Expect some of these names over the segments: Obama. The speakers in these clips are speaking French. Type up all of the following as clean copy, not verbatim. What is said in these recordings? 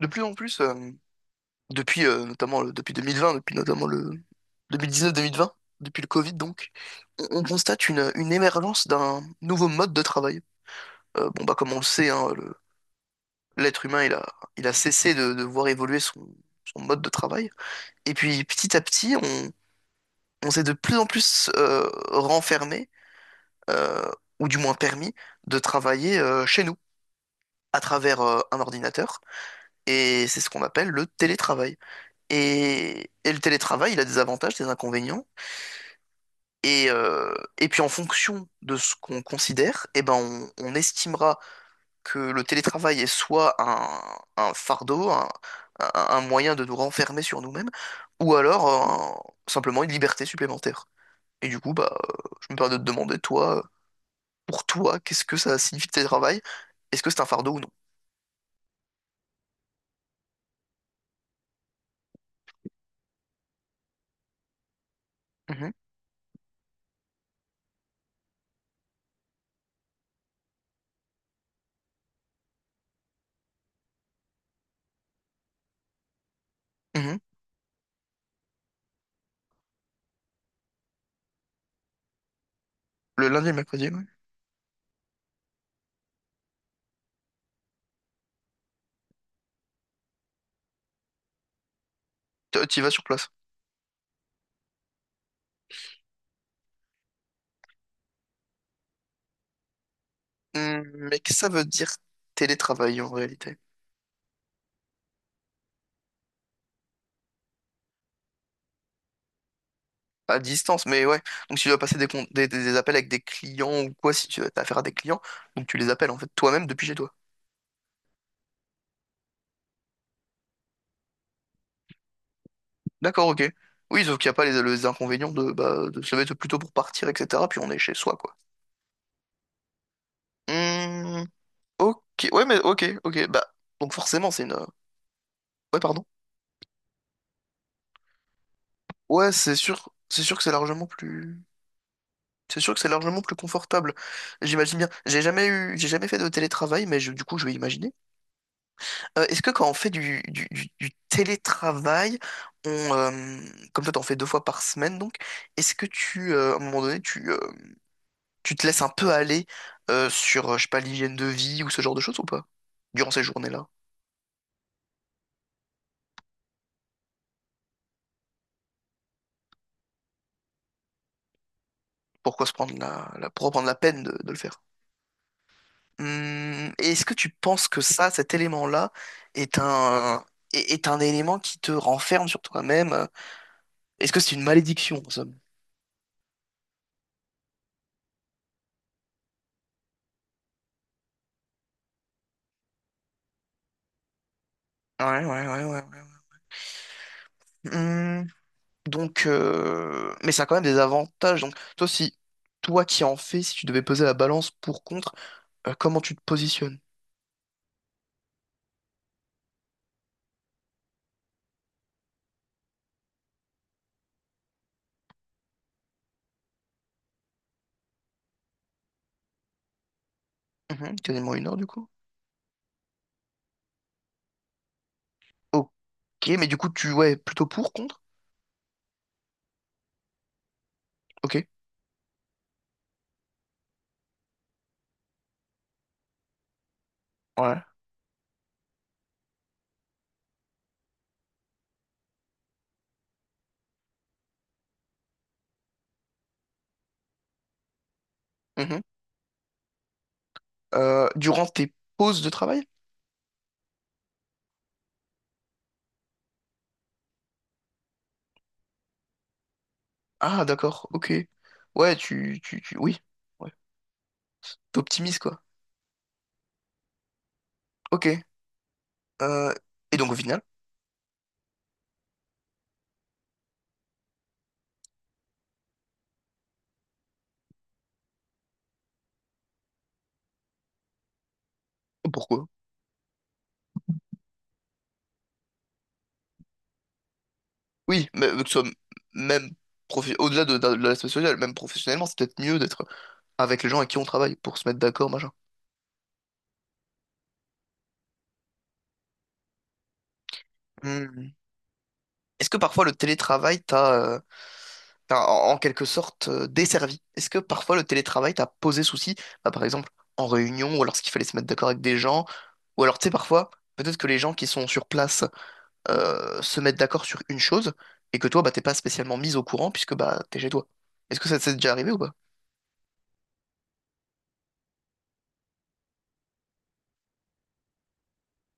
De plus en plus, depuis depuis 2020, depuis notamment le 2019-2020, depuis le Covid donc, on constate une émergence d'un nouveau mode de travail. Bon bah comme on le sait, hein, l'être humain il a cessé de voir évoluer son, son mode de travail. Et puis petit à petit, on s'est de plus en plus renfermé, euh, ou du moins permis, de travailler chez nous, à travers un ordinateur. Et c'est ce qu'on appelle le télétravail. Et le télétravail, il a des avantages, des inconvénients. Et puis en fonction de ce qu'on considère, eh ben on estimera que le télétravail est soit un fardeau, un moyen de nous renfermer sur nous-mêmes, ou alors simplement une liberté supplémentaire. Et du coup, bah, je me permets de te demander, toi, pour toi, qu'est-ce que ça signifie le télétravail? Est-ce que c'est un fardeau ou non? Mhm, mhm. Le lundi et le mercredi, oui. Tu y vas sur place. Mais qu'est-ce que ça veut dire télétravail en réalité? À distance, mais ouais. Donc, si tu dois passer des, des appels avec des clients ou quoi, si tu as affaire à des clients, donc tu les appelles en fait toi-même depuis chez toi. D'accord, ok. Oui, sauf qu'il n'y a pas les, les inconvénients de, bah, de se mettre plutôt pour partir, etc. Puis on est chez soi, quoi. Hmm, ok, ouais, mais ok, ok. Bah, donc forcément, c'est une. Ouais, pardon. Ouais, c'est sûr que c'est largement plus. C'est sûr que c'est largement plus confortable. J'imagine bien. J'ai jamais eu, j'ai jamais fait de télétravail, mais du coup, je vais imaginer. Est-ce que quand on fait du, du télétravail, on, euh, comme toi t'en fais deux fois par semaine donc, est-ce que à un moment donné, tu te laisses un peu aller sur, je sais pas, l'hygiène de vie ou ce genre de choses ou pas? Durant ces journées-là? Pourquoi se prendre la, pourquoi prendre la peine de le faire? Et est-ce que tu penses que ça, cet élément-là, est un, est un élément qui te renferme sur toi-même? Est-ce que c'est une malédiction en somme? Ouais, ouais, ouais, ouais, ouais. Donc, mais ça a quand même des avantages. Donc, toi, si toi qui en fais, si tu devais peser la balance pour contre, comment tu te positionnes? Mhm, quasiment une heure du coup. Ok, mais du coup, tu ouais, plutôt pour contre? Ok, ouais. Mhm. Durant tes pauses de travail? Ah, d'accord, ok. Ouais, oui, ouais. T'optimises quoi. Ok. Euh, et donc au final, pourquoi? Oui, mais que ce soit même au-delà de l'aspect social, même professionnellement, c'est peut-être mieux d'être avec les gens avec qui on travaille pour se mettre d'accord, machin. Hmm. Est-ce que parfois le télétravail t'a, en en quelque sorte desservi? Est-ce que parfois le télétravail t'a posé souci, bah, par exemple en réunion ou alors ce qu'il fallait se mettre d'accord avec des gens, ou alors tu sais parfois peut-être que les gens qui sont sur place se mettent d'accord sur une chose et que toi bah t'es pas spécialement mis au courant puisque bah t'es chez toi. Est-ce que ça t'est déjà arrivé ou pas?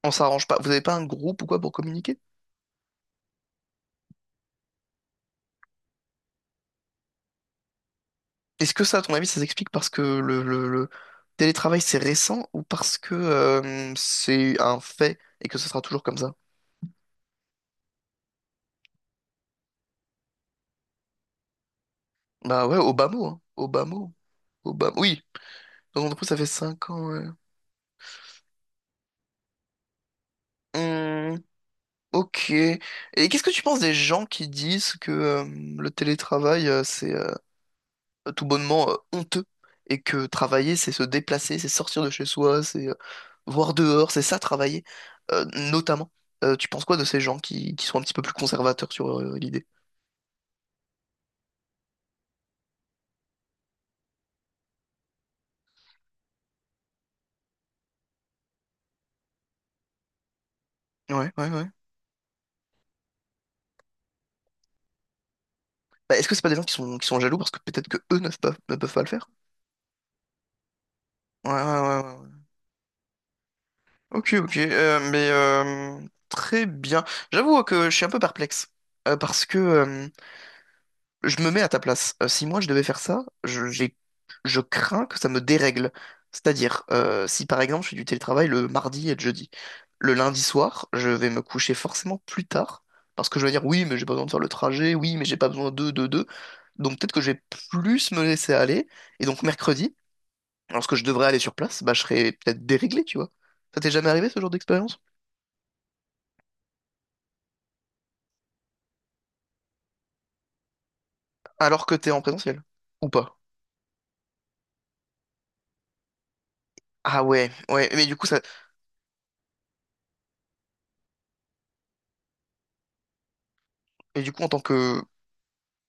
On s'arrange pas. Vous avez pas un groupe ou quoi pour communiquer? Est-ce que ça, à ton avis, ça s'explique parce que le, le télétravail c'est récent ou parce que c'est un fait et que ce sera toujours comme ça? Bah ouais, Obama, hein. Obama. Obama. Oui, donc du coup, ça fait 5 ans, ouais. Hmm, ok. Et qu'est-ce que tu penses des gens qui disent que le télétravail, c'est tout bonnement honteux et que travailler, c'est se déplacer, c'est sortir de chez soi, c'est voir dehors, c'est ça travailler, euh, notamment. Tu penses quoi de ces gens qui sont un petit peu plus conservateurs sur l'idée? Ouais, ouais, ouais. Bah, est-ce que c'est pas des gens qui sont jaloux parce que peut-être que eux ne peuvent pas, ne peuvent pas le faire? Ouais, ouais, ouais, ouais. Ok, ok, mais très bien. J'avoue que je suis un peu perplexe parce que je me mets à ta place. Si moi je devais faire ça, je crains que ça me dérègle. C'est-à-dire, si par exemple je fais du télétravail le mardi et le jeudi, le lundi soir, je vais me coucher forcément plus tard parce que je vais dire oui, mais j'ai pas besoin de faire le trajet, oui, mais j'ai pas besoin de. Donc peut-être que je vais plus me laisser aller et donc mercredi, lorsque je devrais aller sur place, bah je serai peut-être déréglé, tu vois. Ça t'est jamais arrivé ce genre d'expérience? Alors que t'es en présentiel, ou pas? Ah ouais, ouais, mais du coup, ça, mais du coup, en tant que,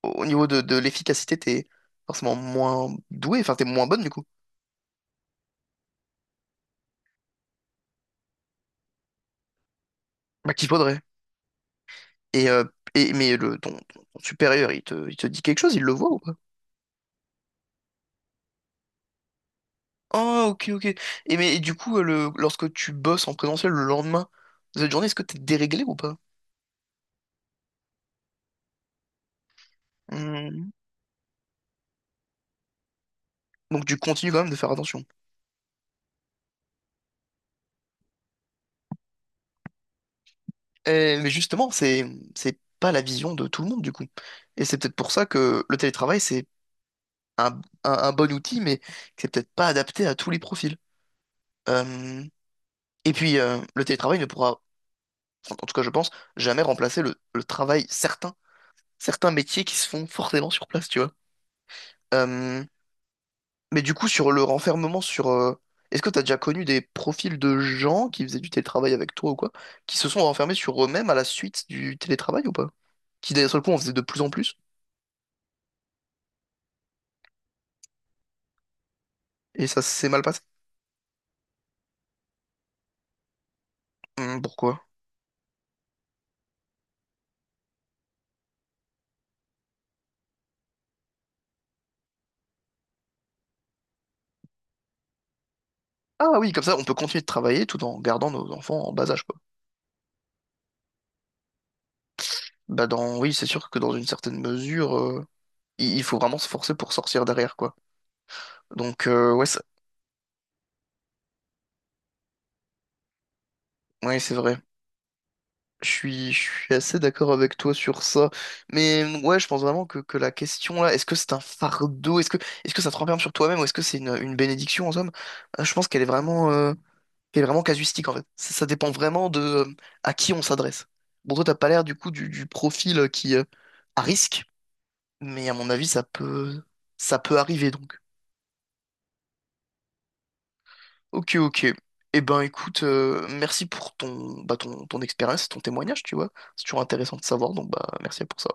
au niveau de l'efficacité, t'es forcément moins doué, enfin, t'es moins bonne, du coup. Bah, qu'il faudrait. Et, euh, et, mais le, ton supérieur, il te dit quelque chose, il le voit ou pas? Ah, ok, ok. Et mais du coup, le, lorsque tu bosses en présentiel le lendemain de cette journée, est-ce que t'es déréglé ou pas? Hmm. Donc tu continues quand même de faire attention. Mais justement, c'est pas la vision de tout le monde, du coup. Et c'est peut-être pour ça que le télétravail, c'est un, un bon outil, mais qui c'est peut-être pas adapté à tous les profils. Euh, et puis, le télétravail ne pourra, en en tout cas, je pense, jamais remplacer le travail certain, certains métiers qui se font forcément sur place, tu vois. Euh, mais du coup, sur le renfermement sur... est-ce que tu as déjà connu des profils de gens qui faisaient du télétravail avec toi ou quoi, qui se sont renfermés sur eux-mêmes à la suite du télétravail ou pas? Qui d'un seul coup en faisaient de plus en plus, et ça s'est mal passé. Pourquoi? Ah oui, comme ça, on peut continuer de travailler tout en gardant nos enfants en bas âge, quoi. Bah dans, oui, c'est sûr que dans une certaine mesure, il faut vraiment se forcer pour sortir derrière, quoi. Donc, ouais, ça- ouais, c'est vrai. Je suis assez d'accord avec toi sur ça. Mais ouais, je pense vraiment que la question là, est-ce que c'est un fardeau? Est-ce que ça te renferme sur toi-même ou est-ce que c'est une bénédiction en somme? Je pense qu'elle est vraiment casuistique en fait. Ça dépend vraiment de à qui on s'adresse. Bon, toi, t'as pas l'air du coup du profil qui, à risque, mais à mon avis, ça peut arriver donc. Ok, ok. Eh ben, écoute, merci pour ton, bah, ton, ton expérience, ton témoignage, tu vois. C'est toujours intéressant de savoir, donc bah, merci pour ça.